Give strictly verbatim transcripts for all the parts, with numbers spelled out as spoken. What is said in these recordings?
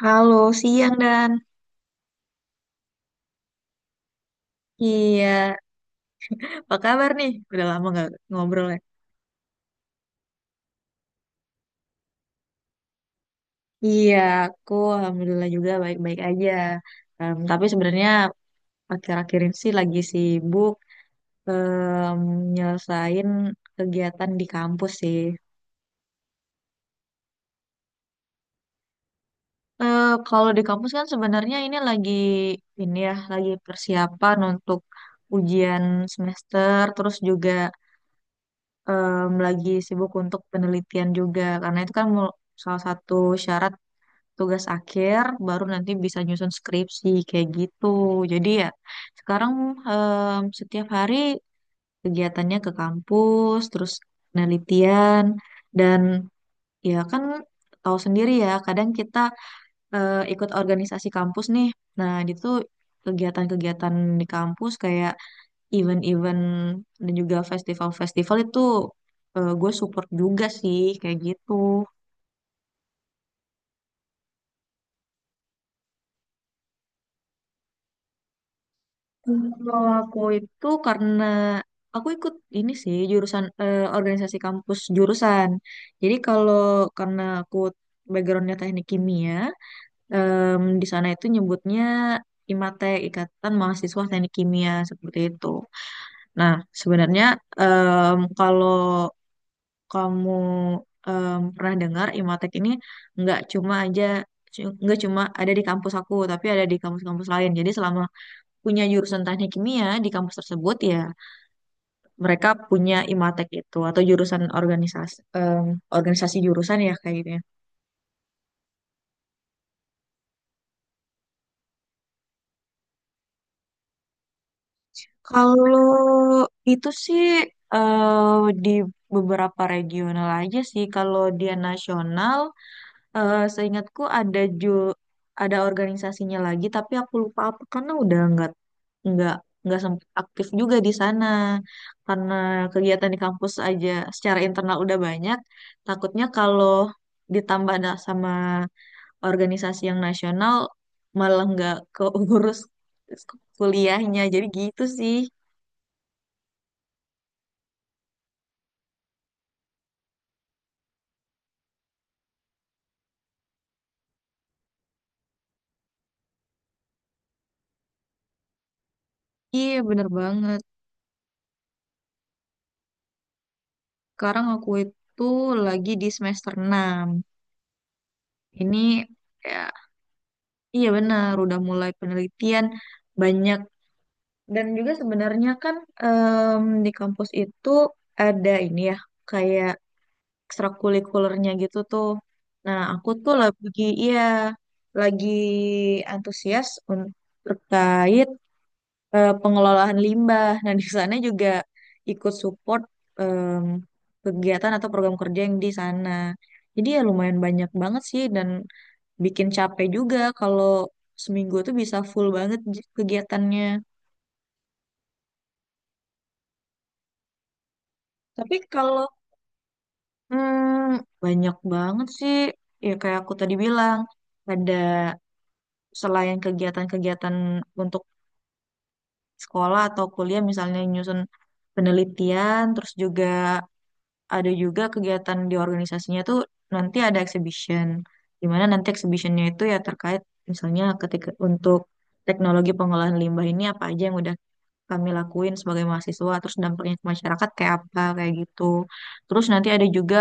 Halo, siang Dan. Iya, apa kabar nih? Udah lama nggak ngobrol ya? Iya, aku alhamdulillah juga baik-baik aja. Em, tapi sebenarnya akhir-akhir ini sih lagi sibuk, em, nyelesain kegiatan di kampus sih. Eh, kalau di kampus kan sebenarnya ini lagi ini ya, lagi persiapan untuk ujian semester, terus juga, em, lagi sibuk untuk penelitian juga, karena itu kan mul- salah satu syarat tugas akhir baru nanti bisa nyusun skripsi kayak gitu. Jadi ya sekarang, em, setiap hari kegiatannya ke kampus, terus penelitian dan ya kan tahu sendiri ya, kadang kita, eh, ikut organisasi kampus nih. Nah, itu kegiatan-kegiatan di kampus kayak event-event dan juga festival-festival itu, eh, gue support juga sih kayak gitu. Kalau aku itu karena aku ikut ini sih jurusan, eh, organisasi kampus jurusan. Jadi kalau karena aku backgroundnya teknik kimia, em, di sana itu nyebutnya IMATE, Ikatan Mahasiswa Teknik Kimia, seperti itu. Nah, sebenarnya, em, kalau kamu, em, pernah dengar IMATEK ini nggak cuma aja cu- nggak cuma ada di kampus aku, tapi ada di kampus-kampus lain. Jadi selama punya jurusan teknik kimia di kampus tersebut ya mereka punya IMATEK itu, atau jurusan organisasi, em, organisasi jurusan ya kayak gitu ya. Kalau itu sih, eh, di beberapa regional aja sih. Kalau dia nasional, eh seingatku ada ju ada organisasinya lagi, tapi aku lupa apa karena udah nggak nggak nggak sempat aktif juga di sana karena kegiatan di kampus aja secara internal udah banyak. Takutnya kalau ditambah ada sama organisasi yang nasional malah nggak keurus kuliahnya. Jadi gitu sih. Iya bener banget. Sekarang aku itu lagi di semester enam. Ini ya, iya benar, udah mulai penelitian banyak dan juga sebenarnya kan, em, di kampus itu ada ini ya kayak ekstrakurikulernya gitu tuh. Nah, aku tuh lagi, iya, lagi antusias, un- terkait, eh, pengelolaan limbah. Nah, di sana juga ikut support, em, kegiatan atau program kerja yang di sana. Jadi ya lumayan banyak banget sih dan bikin capek juga kalau seminggu tuh bisa full banget j- kegiatannya. Tapi kalau hmm, banyak banget sih, ya kayak aku tadi bilang, ada selain kegiatan-kegiatan untuk sekolah atau kuliah, misalnya nyusun penelitian, terus juga ada juga kegiatan di organisasinya tuh nanti ada exhibition, di mana nanti exhibitionnya itu ya terkait misalnya ketika untuk teknologi pengolahan limbah ini apa aja yang udah kami lakuin sebagai mahasiswa, terus dampaknya ke masyarakat kayak apa, kayak gitu. Terus nanti ada juga,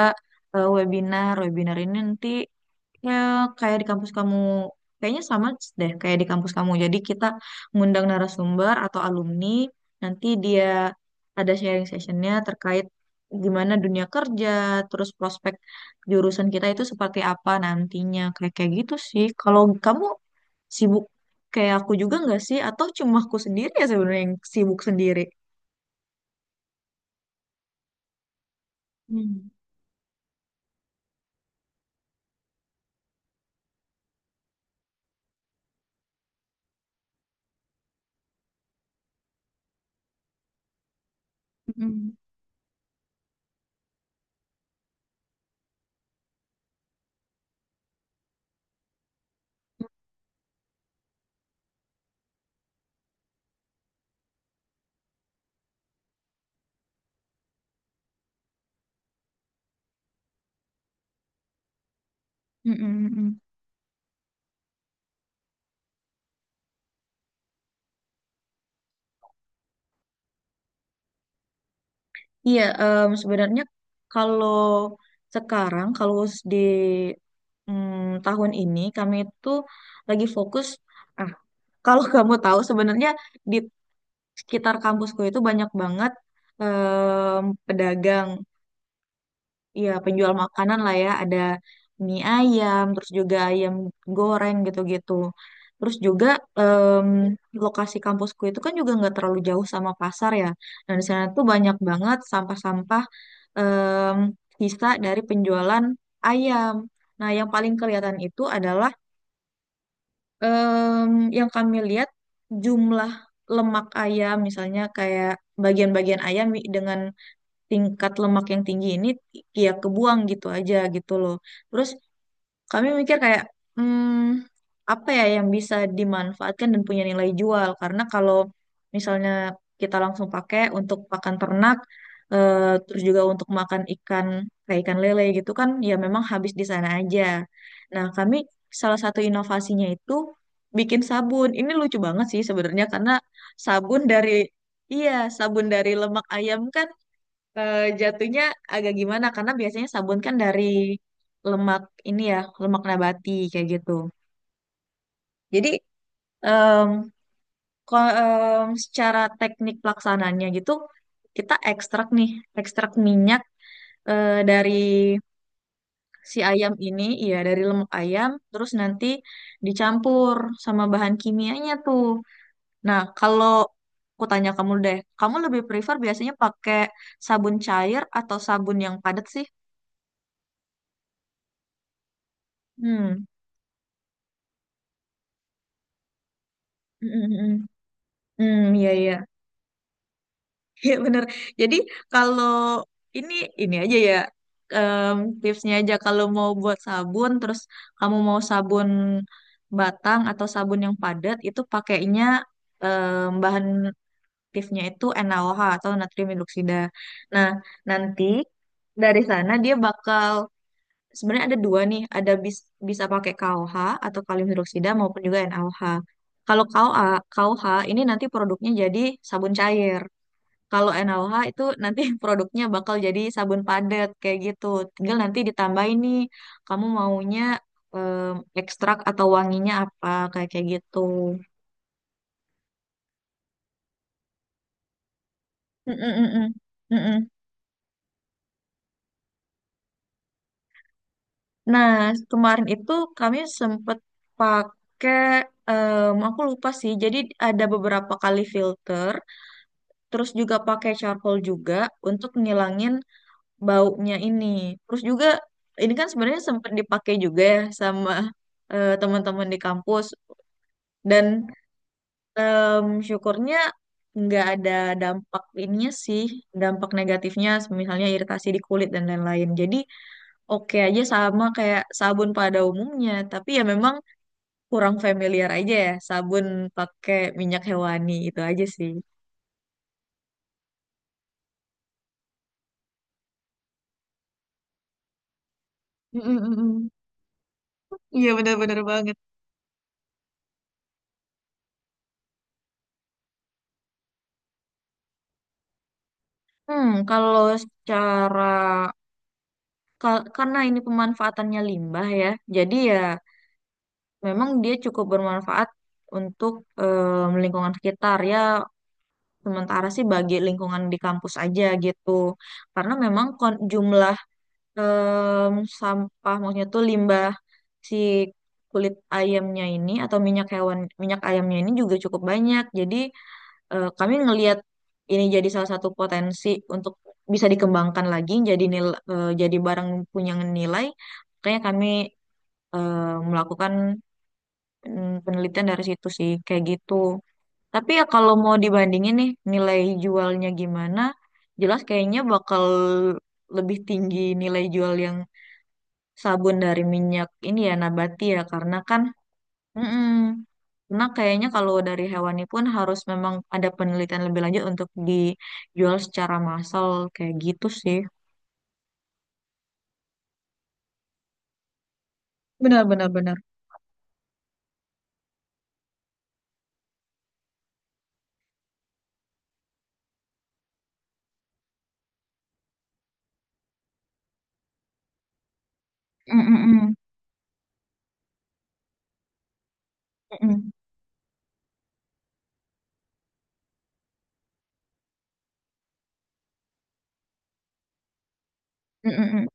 eh, webinar. Webinar ini nanti ya kayak di kampus kamu, kayaknya sama deh kayak di kampus kamu. Jadi kita ngundang narasumber atau alumni, nanti dia ada sharing sessionnya terkait gimana dunia kerja, terus prospek jurusan kita itu seperti apa nantinya. Kayak kayak gitu sih. Kalau kamu sibuk kayak aku juga nggak sih? Atau cuma aku sendiri ya sebenarnya yang sibuk sendiri? Hmm. Mm-mm. Mm-mm. Mm-mm. Iya, em, sebenarnya kalau sekarang, kalau di mm, tahun ini, kami itu lagi fokus. Ah, kalau kamu tahu, sebenarnya di sekitar kampusku itu banyak banget, em, pedagang. Iya, penjual makanan lah ya, ada mie ayam, terus juga ayam goreng gitu-gitu. Terus juga, em, lokasi kampusku itu kan juga nggak terlalu jauh sama pasar ya. Dan di sana tuh banyak banget sampah-sampah, em, sisa dari penjualan ayam. Nah, yang paling kelihatan itu adalah, em, yang kami lihat jumlah lemak ayam, misalnya kayak bagian-bagian ayam dengan tingkat lemak yang tinggi ini ya kebuang gitu aja gitu loh. Terus kami mikir kayak, hmm, apa ya yang bisa dimanfaatkan dan punya nilai jual, karena kalau misalnya kita langsung pakai untuk pakan ternak, eh, terus juga untuk makan ikan kayak ikan lele gitu kan ya memang habis di sana aja. Nah, kami salah satu inovasinya itu bikin sabun. Ini lucu banget sih sebenarnya, karena sabun dari, iya, sabun dari lemak ayam kan, eh, jatuhnya agak gimana karena biasanya sabun kan dari lemak ini ya, lemak nabati kayak gitu. Jadi, em, ko- em, secara teknik pelaksananya gitu kita ekstrak nih, ekstrak minyak, eh, dari si ayam ini, iya dari lemak ayam, terus nanti dicampur sama bahan kimianya tuh. Nah, kalau aku tanya kamu deh, kamu lebih prefer biasanya pakai sabun cair atau sabun yang padat sih? Hmm. Hmm, iya, iya. Iya bener. Jadi kalau ini ini aja ya, em, tipsnya aja kalau mau buat sabun terus kamu mau sabun batang atau sabun yang padat itu pakainya, em, bahan aktifnya itu en a o ha atau natrium hidroksida. Nah, nanti dari sana dia bakal sebenarnya ada dua nih, ada bis, bisa pakai ka o ha atau kalium hidroksida maupun juga en a o ha. Kalau ka o a ka o ha ini nanti produknya jadi sabun cair. Kalau en a o ha itu nanti produknya bakal jadi sabun padat kayak gitu. Tinggal nanti ditambahin nih, kamu maunya, em, ekstrak atau wanginya apa kayak kayak gitu. Mm-mm-mm-mm. Mm-mm. Nah, kemarin itu kami sempet pakai, em, aku lupa sih. Jadi ada beberapa kali filter, terus juga pakai charcoal juga untuk ngilangin baunya ini. Terus juga ini kan sebenarnya sempat dipakai juga ya sama, eh, teman-teman di kampus dan, em, syukurnya nggak ada dampak ininya sih, dampak negatifnya misalnya iritasi di kulit dan lain-lain. Jadi oke aja sama kayak sabun pada umumnya, tapi ya memang kurang familiar aja ya sabun pakai minyak hewani itu aja sih. Mm, mm, mm, mm. Iya benar-benar banget. Hmm, kalau secara, Kal- karena ini pemanfaatannya limbah ya, jadi ya memang dia cukup bermanfaat untuk, eh, lingkungan sekitar ya. Sementara sih bagi lingkungan di kampus aja gitu, karena memang kon- jumlah, em, sampah maksudnya tuh limbah si kulit ayamnya ini atau minyak hewan, minyak ayamnya ini juga cukup banyak. Jadi, eh, kami ngelihat ini jadi salah satu potensi untuk bisa dikembangkan lagi jadi nil, eh, jadi barang punya nilai, makanya kami, eh, melakukan, mm, penelitian dari situ sih kayak gitu. Tapi ya kalau mau dibandingin nih nilai jualnya gimana, jelas kayaknya bakal lebih tinggi nilai jual yang sabun dari minyak ini ya nabati ya karena kan. Mm-mm. Karena kayaknya kalau dari hewani pun harus memang ada penelitian lebih lanjut untuk dijual secara massal kayak gitu sih. Benar, benar, benar. Mm-mm-mm. Mm-mm. Mm-mm-mm.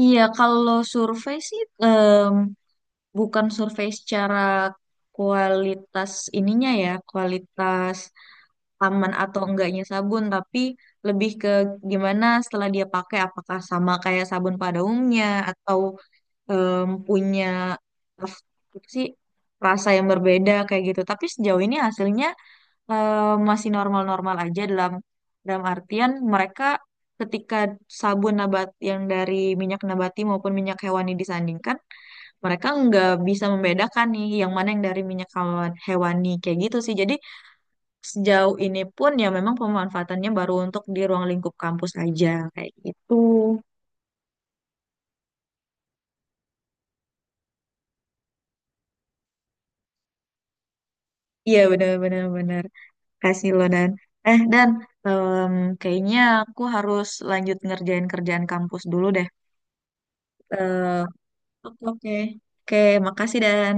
Iya, kalau survei sih, em, bukan survei secara kualitas ininya ya, kualitas aman atau enggaknya sabun, tapi lebih ke gimana setelah dia pakai, apakah sama kayak sabun pada umumnya atau, em, punya apa sih rasa yang berbeda kayak gitu. Tapi sejauh ini hasilnya, em, masih normal-normal aja dalam dalam artian mereka ketika sabun nabat yang dari minyak nabati maupun minyak hewani disandingkan, mereka nggak bisa membedakan nih yang mana yang dari minyak hewan- hewani kayak gitu sih. Jadi sejauh ini pun ya memang pemanfaatannya baru untuk di ruang lingkup kampus aja kayak gitu. Iya, benar-benar, benar. Benar, benar. Kasih lo Dan. Eh Dan, em, kayaknya aku harus lanjut ngerjain kerjaan kampus dulu deh. Eh, oke, oke. Oke, makasih Dan.